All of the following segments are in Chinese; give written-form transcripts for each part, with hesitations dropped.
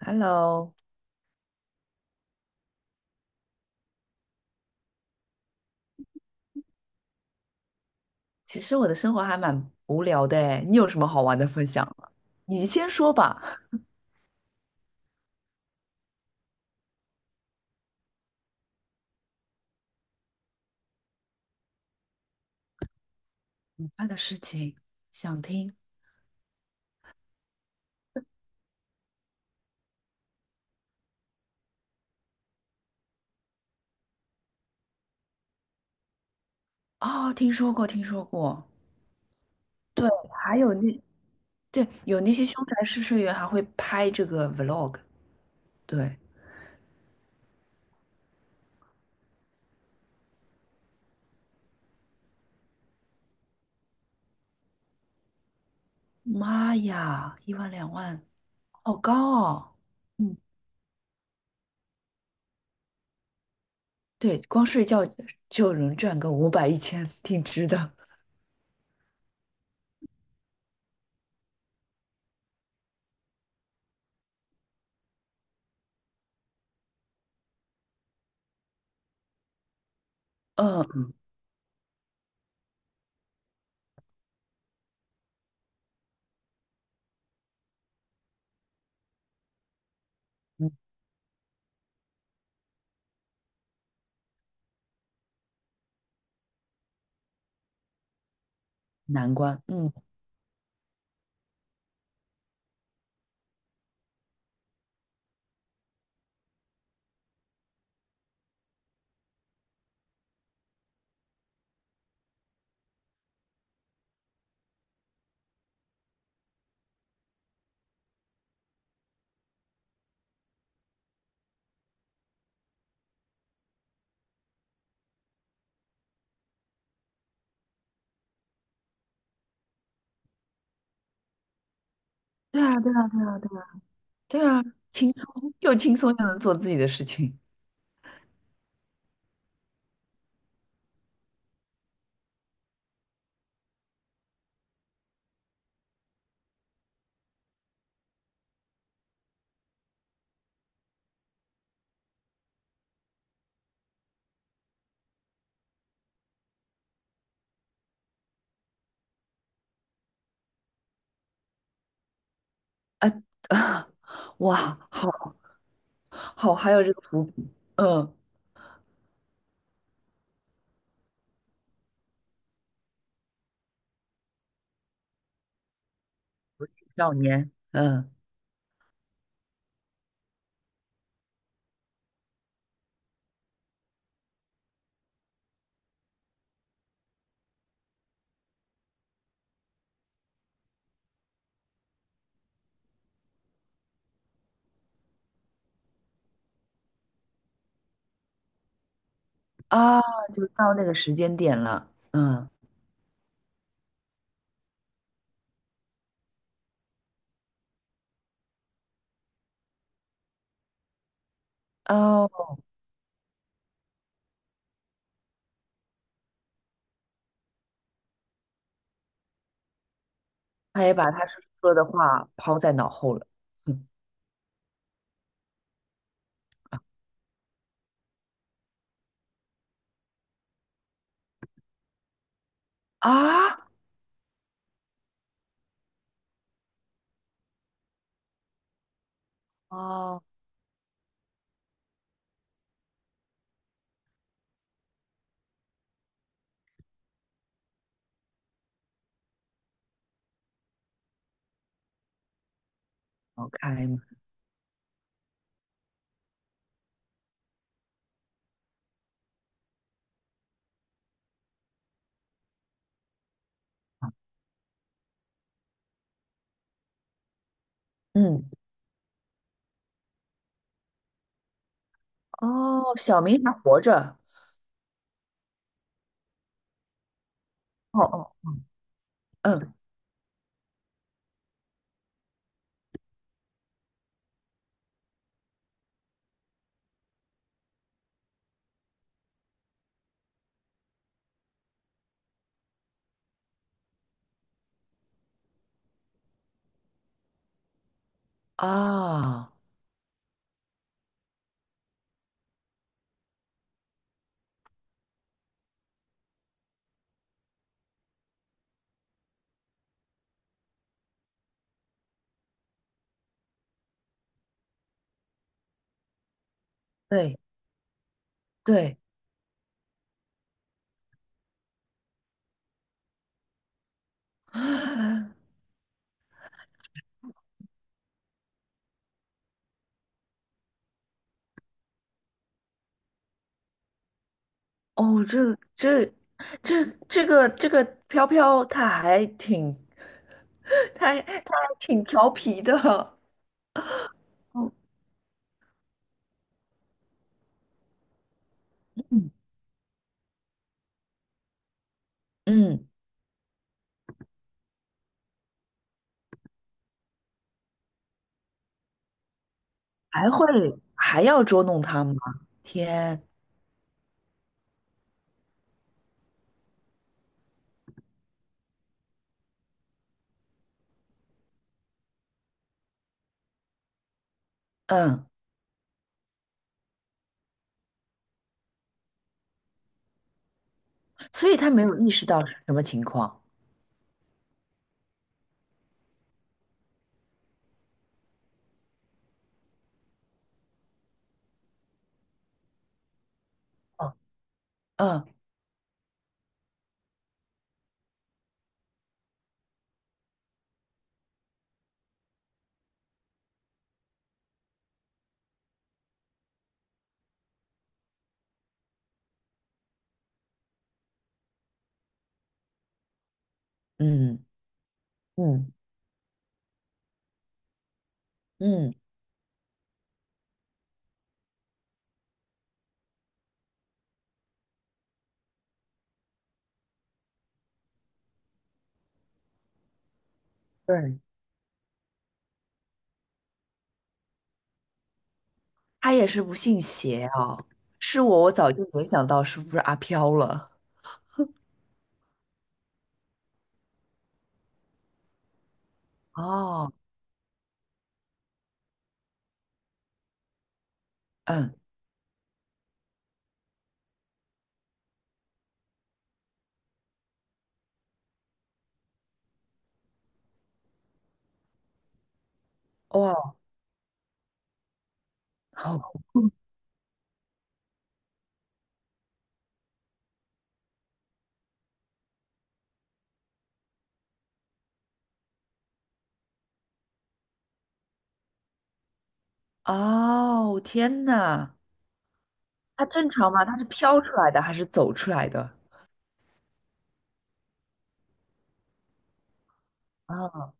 Hello,其实我的生活还蛮无聊的诶，你有什么好玩的分享吗？你先说吧。他的事情想听，哦，听说过，听说过。对，还有那，对，有那些凶宅试睡员还会拍这个 vlog。对，妈呀，一万两万，好高哦。嗯，对，光睡觉就能赚个五百一千，一千挺值的。嗯，嗯难关。嗯，对啊，对啊，对啊，对啊。对啊，轻松又轻松又能做自己的事情，啊啊，哇，好好，还有这个伏笔，嗯，少年，嗯啊，就到那个时间点了，嗯哦，他也把他叔叔说的话抛在脑后了，嗯啊哦，好开嘛，嗯哦，小明还活着，哦哦，嗯啊，对对。哦，这个飘飘，他还挺 他还挺调皮的。哦嗯，嗯，还会还要捉弄他吗？天，嗯，所以他没有意识到是什么情况。哦嗯嗯嗯嗯，对，他也是不信邪啊。是我，我早就联想到是不是阿飘了。哦，嗯，哇，哦，哦，天哪！它正常吗？它是飘出来的还是走出来的？哦，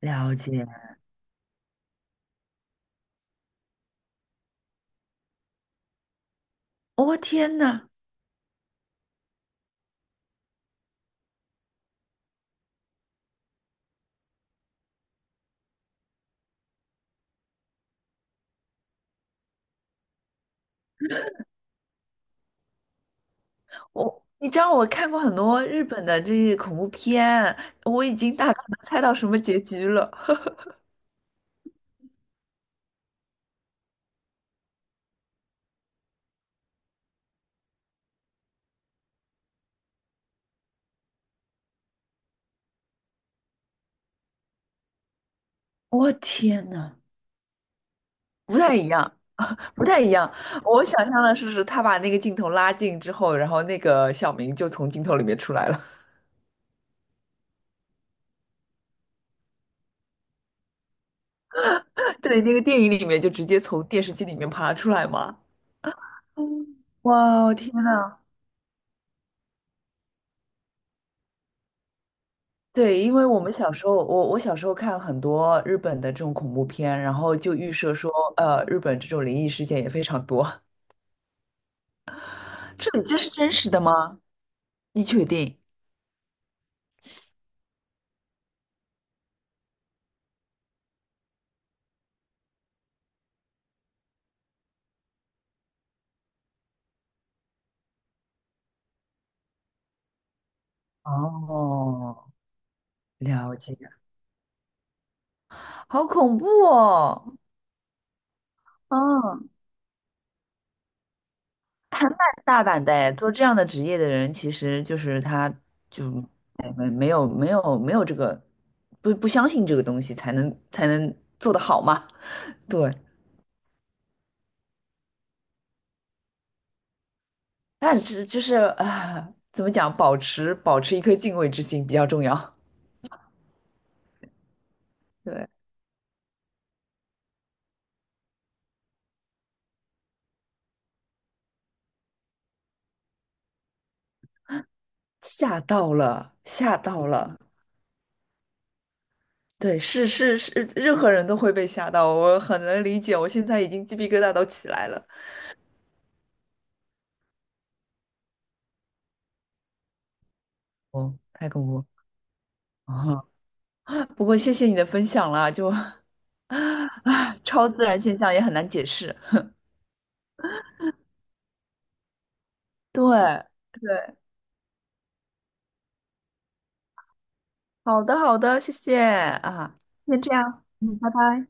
了解。我天呐，我你知道我看过很多日本的这些恐怖片，我已经大概能猜到什么结局了。我、天呐，不太一样，不太一样。我想象的是，是他把那个镜头拉近之后，然后那个小明就从镜头里面出来了。对，那个电影里面就直接从电视机里面爬出来嘛。嗯哇，天呐！对，因为我们小时候，我小时候看很多日本的这种恐怖片，然后就预设说，日本这种灵异事件也非常多。这里这是真实的吗？你确定？哦，了解，好恐怖哦！嗯，大胆的哎，做这样的职业的人，其实就是他就哎没有这个不相信这个东西，才能做得好嘛。对，但是就是啊，怎么讲，保持一颗敬畏之心比较重要。对，吓到了，吓到了。对，是是是，任何人都会被吓到，我很能理解。我现在已经鸡皮疙瘩都起来了。哦，太恐怖啊！不过谢谢你的分享啦，就 啊，超自然现象也很难解释。对对，好的好的，谢谢啊，那这样，嗯，拜拜。